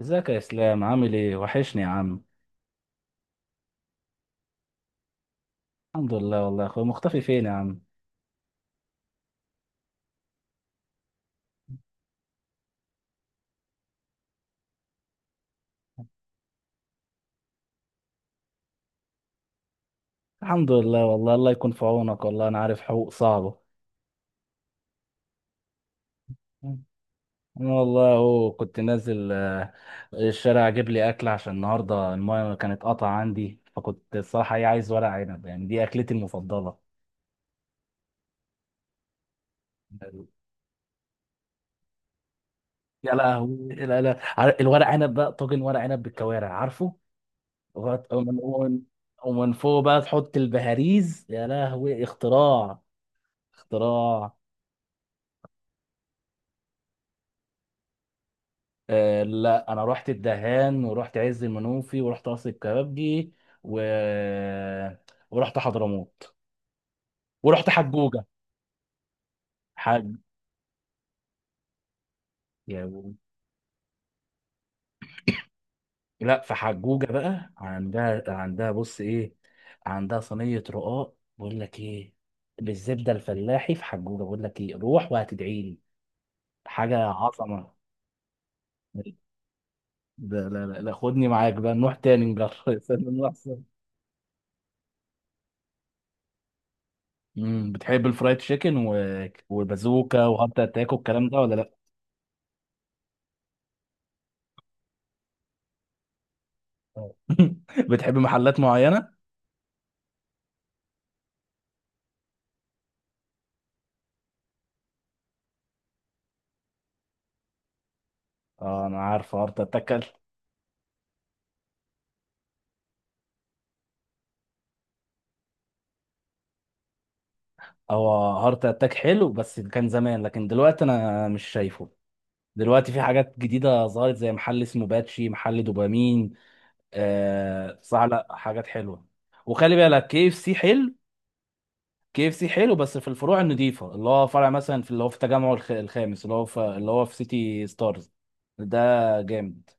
ازيك يا اسلام؟ عامل ايه؟ وحشني يا عم. الحمد لله والله يا اخويا، مختفي فين يا عم؟ الحمد لله والله، الله يكون في عونك، والله انا عارف حقوق صعبة. انا والله اهو كنت نازل الشارع اجيب لي اكل عشان النهارده المايه كانت قطع عندي، فكنت الصراحة ايه عايز ورق عنب، يعني دي اكلتي المفضلة. يا لهوي، لا لا، الورق عنب بقى طاجن ورق عنب بالكوارع، عارفه؟ ومن ومن فوق بقى تحط البهاريز، يا لهوي، اختراع، اختراع. آه لا، انا رحت الدهان، ورحت عز المنوفي، ورحت قصر الكبابجي، و... ورحت حضرموت، ورحت حجوجه. حج يعني. لا، في حجوجه بقى، عندها بص ايه، عندها صينيه رقاق، بقول لك ايه، بالزبده الفلاحي في حجوجه، بقول لك ايه، روح وهتدعي لي، حاجه عظمه. لا لا لا لا، خدني معاك بقى، نروح تاني نجرب. نروح سوا. بتحب الفرايد تشيكن والبازوكا وهارت اتاك والكلام ده ولا لا؟ اه. بتحب محلات معينة؟ اه انا عارف هارت اتاك. هو هارت اتاك حلو بس كان زمان، لكن دلوقتي انا مش شايفه. دلوقتي في حاجات جديدة ظهرت، زي محل اسمه باتشي، محل دوبامين. آه صح، لا حاجات حلوة. وخلي بالك كي اف سي حلو. كي اف سي حلو بس في الفروع النظيفة، اللي هو فرع مثلا في اللي هو في تجمع الخامس، اللي هو في اللي هو في سيتي ستارز. ده جامد.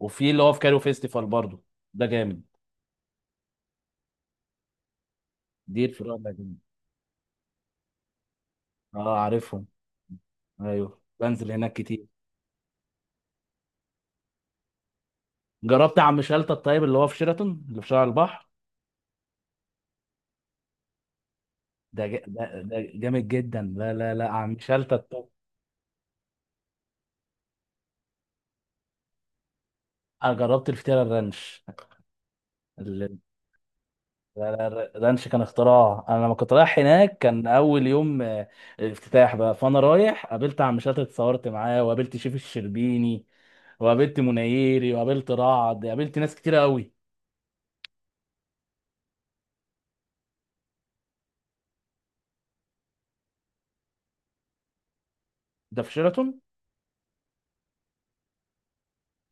وفي اللي هو في كايرو فيستيفال برضه. ده جامد. دي الفروع اللي، اه عارفهم. ايوه بنزل هناك كتير. جربت عم شلتة الطيب اللي هو في شيراتون اللي في شارع البحر؟ ده جامد جدا، لا لا لا، عم شلتة الطيب. انا جربت الفطيرة الرانش. ال- لا لا لا، الرانش كان اختراع. انا لما كنت رايح هناك كان اول يوم، افتتاح بقى، فانا رايح قابلت عم شلتة، اتصورت معاه، وقابلت شيف الشربيني، وقابلت منيري، وقابلت رعد، قابلت ناس كتيرة قوي. ده في شيراتون.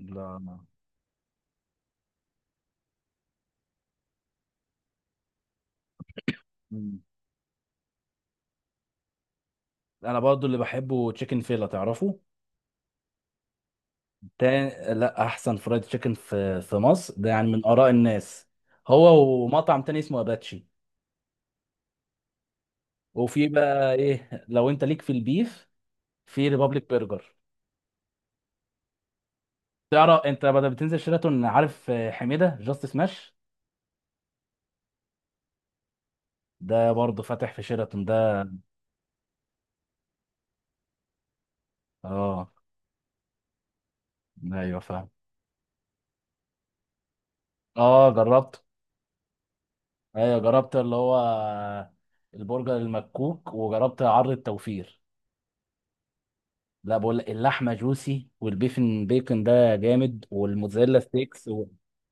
لا. لا. مم. انا برضو اللي بحبه تشيكن فيلا، تعرفه؟ تاني لا، احسن فرايد تشيكن في مصر ده، يعني من اراء الناس. هو ومطعم تاني اسمه اباتشي. وفي بقى ايه، لو انت ليك في البيف، في ريبابليك برجر. تعرف انت بدل بتنزل شيراتون، عارف حميده جاست سماش، ده برضه فاتح في شيراتون ده. اه. ايوه فاهم. اه جربت. ايوه جربت اللي هو البرجر المكوك، وجربت عرض التوفير. لا، بقول لك، اللحمه جوسي، والبيفن بيكن ده جامد، والموتزاريلا ستيكس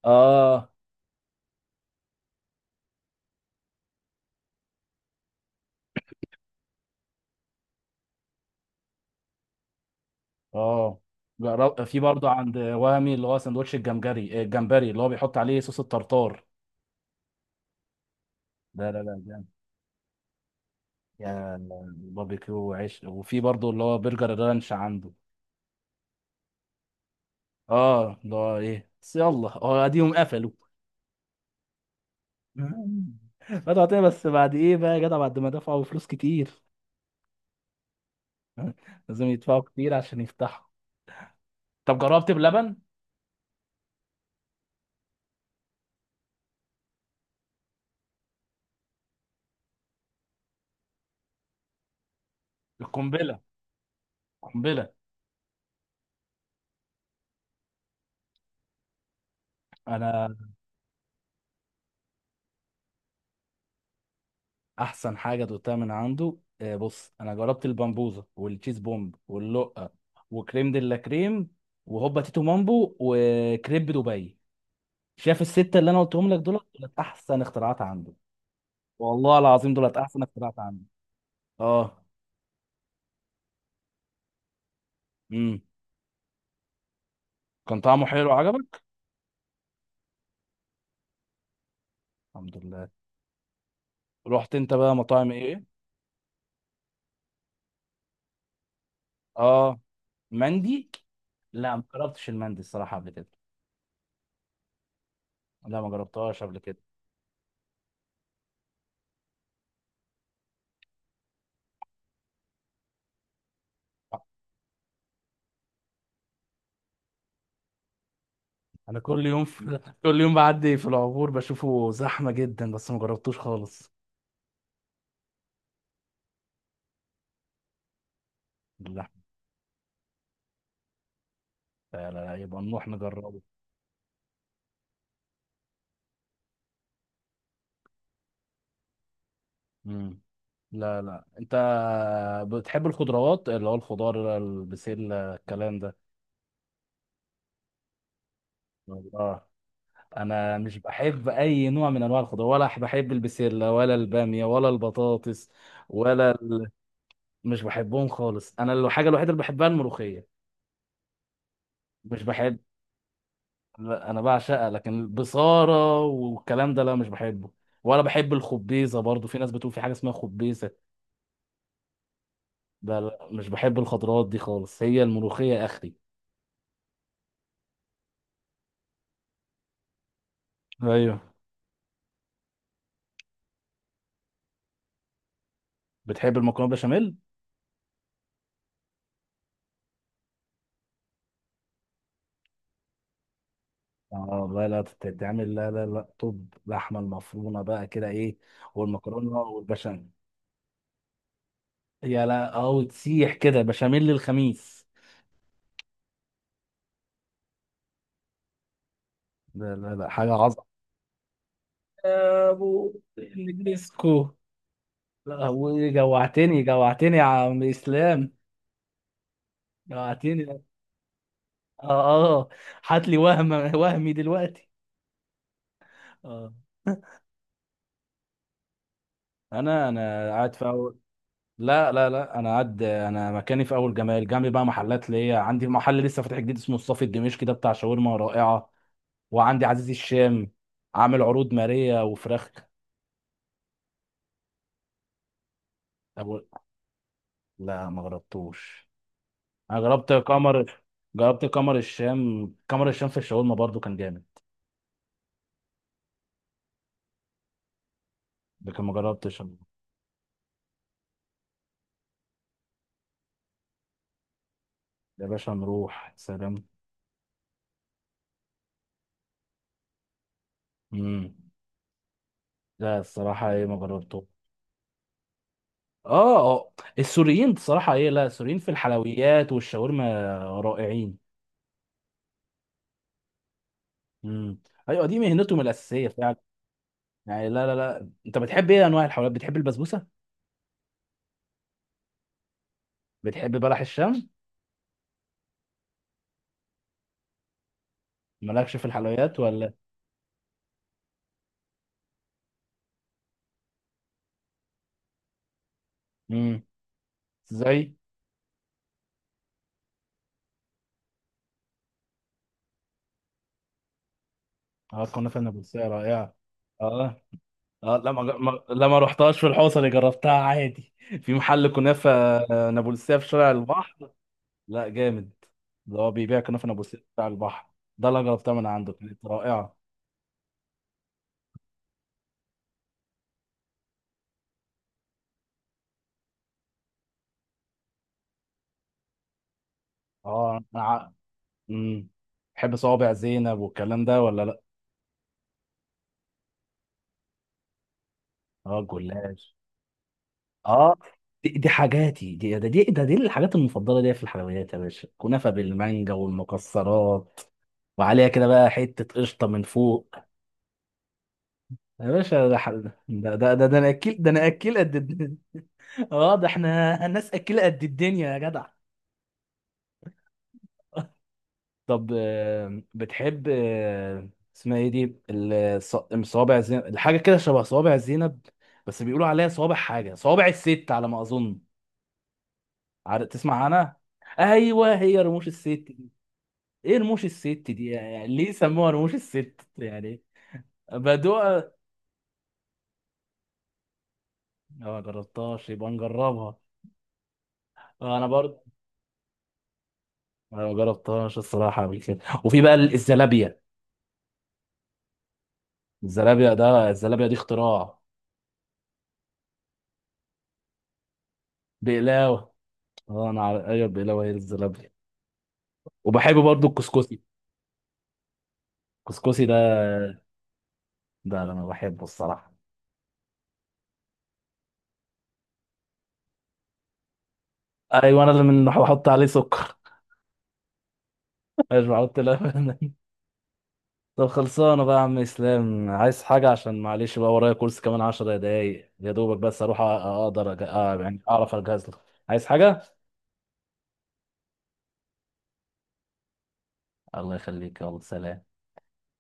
اه. اه. في برضه عند وهمي اللي هو سندوتش الجمبري، الجمبري اللي هو بيحط عليه صوص الطرطار. لا لا لا جامد، يا باربيكيو وعيش. وفي برضه اللي هو برجر الرانش عنده. اه اللي هو ايه بس، يلا، هو اديهم قفلوا. فتحوا تاني، بس بعد ايه بقى يا جدع، بعد ما دفعوا فلوس كتير. لازم يدفعوا كتير عشان يفتحوا. طب جربت بلبن؟ القنبله، قنبله. انا احسن حاجه دوقتها من عنده بص، انا جربت البامبوزه والتشيز بومب واللقه، وكريم دي، لا كريم، وهوبا تيتو مامبو، وكريب دبي. شايف السته اللي انا قلتهم لك دولت، دولت احسن اختراعات عنده. والله العظيم دولت احسن اختراعات عنده. اه. امم كان طعمه حلو عجبك. الحمد لله. رحت انت بقى مطاعم ايه؟ اه مندي. لا، ما جربتش المندي الصراحه قبل كده. لا، ما جربتهاش قبل كده. انا كل يوم كل يوم بعدي في العبور بشوفه زحمه جدا، بس ما جربتوش خالص. اللحم. لا لا لا، يبقى نروح نجربه. امم. لا لا، انت بتحب الخضروات، اللي هو الخضار، البسله، الكلام ده؟ اه. انا مش بحب اي نوع من انواع الخضار، ولا بحب البسله، ولا الباميه، ولا البطاطس، ولا ال... مش بحبهم خالص. انا الحاجه الوحيده اللي بحبها الملوخيه. مش بحب. لا انا بعشقها، لكن البصاره والكلام ده لا مش بحبه. ولا بحب الخبيزه برضو. في ناس بتقول في حاجه اسمها خبيزه، ده لا مش بحب الخضروات دي خالص. هي الملوخيه اخري. ايوه. بتحب المكرونه بشاميل؟ اه لا لا تتعمل، لا لا لا. طب لحمه المفرومه بقى كده ايه، والمكرونه والبشاميل. يا لا، او تسيح كده بشاميل للخميس. لا لا لا، حاجه عظمه. يا ابو النجريسكو. لا هو جوعتني، جوعتني يا عم اسلام. جوعتني. اه. اه. هات لي وهم، وهمي دلوقتي. اه. انا قاعد في اول. لا لا لا، انا قاعد، انا مكاني في اول جمال، جنبي بقى محلات ليا، عندي محل لسه فاتح جديد اسمه الصافي الدمشقي، ده بتاع شاورما رائعه. وعندي عزيز الشام، عامل عروض ماريه وفراخ. أبو... لا ما جربتوش. انا جربت قمر جربت قمر الشام، قمر الشام في الشاورما برضو كان جامد. لكن ما جربتش. يا باشا نروح، سلام. امم. لا الصراحه ايه، ما جربتوش. اه. اه. السوريين بصراحة ايه، لا السوريين في الحلويات والشاورما رائعين. امم. ايوه دي مهنتهم الأساسية فعلا. يعني لا لا لا، انت بتحب ايه انواع الحلويات؟ بتحب البسبوسة؟ بتحب بلح الشام؟ مالكش في الحلويات ولا؟ امم. ازاي؟ اه الكنافة النابلسية رائعة. اه. اه لا لا ما رحتهاش في الحوصة، اللي جربتها عادي. في محل كنافة نابلسية في شارع البحر. لا جامد. ده هو بيبيع كنافة نابلسية في شارع البحر. ده اللي أنا جربتها من عنده كانت رائعة. اه انا ع- مم. بحب صوابع زينب والكلام ده ولا لا؟ اه الجلاش. اه دي حاجاتي، دي ده دي ده دي الحاجات المفضله دي في الحلويات يا باشا، كنافه بالمانجا والمكسرات، وعليها كده بقى حته قشطه من فوق. يا باشا ده انا اكل قد الدنيا. اه ده احنا الناس، اكله قد الدنيا يا جدع. طب بتحب اسمها ايه دي صوابع زينب، الحاجه كده شبه صوابع زينب. بس بيقولوا عليها صوابع حاجه، صوابع الست على ما اظن. عارف؟ تسمع عنها؟ ايوه، هي رموش الست دي. ايه رموش الست دي، يعني ليه سموها رموش الست يعني، بدوء. ما جربتهاش، يبقى نجربها. انا برضه انا ما جربتهاش الصراحه قبل كده. وفي بقى الزلابيه. الزلابيه ده، الزلابيه دي اختراع. بقلاوه. اه انا عارف، ايوه البقلاوه هي الزلابيه. وبحب برضو الكسكسي. الكسكسي ده، ده انا بحبه الصراحه. ايوه انا اللي من بحط عليه سكر. مش بحط لبن. طب خلصانه بقى يا عم اسلام، عايز حاجه؟ عشان معلش بقى ورايا كورس كمان 10 دقايق يا دوبك، بس اروح اقدر آه يعني اعرف اجهز له. عايز حاجه؟ الله يخليك، يلا سلام.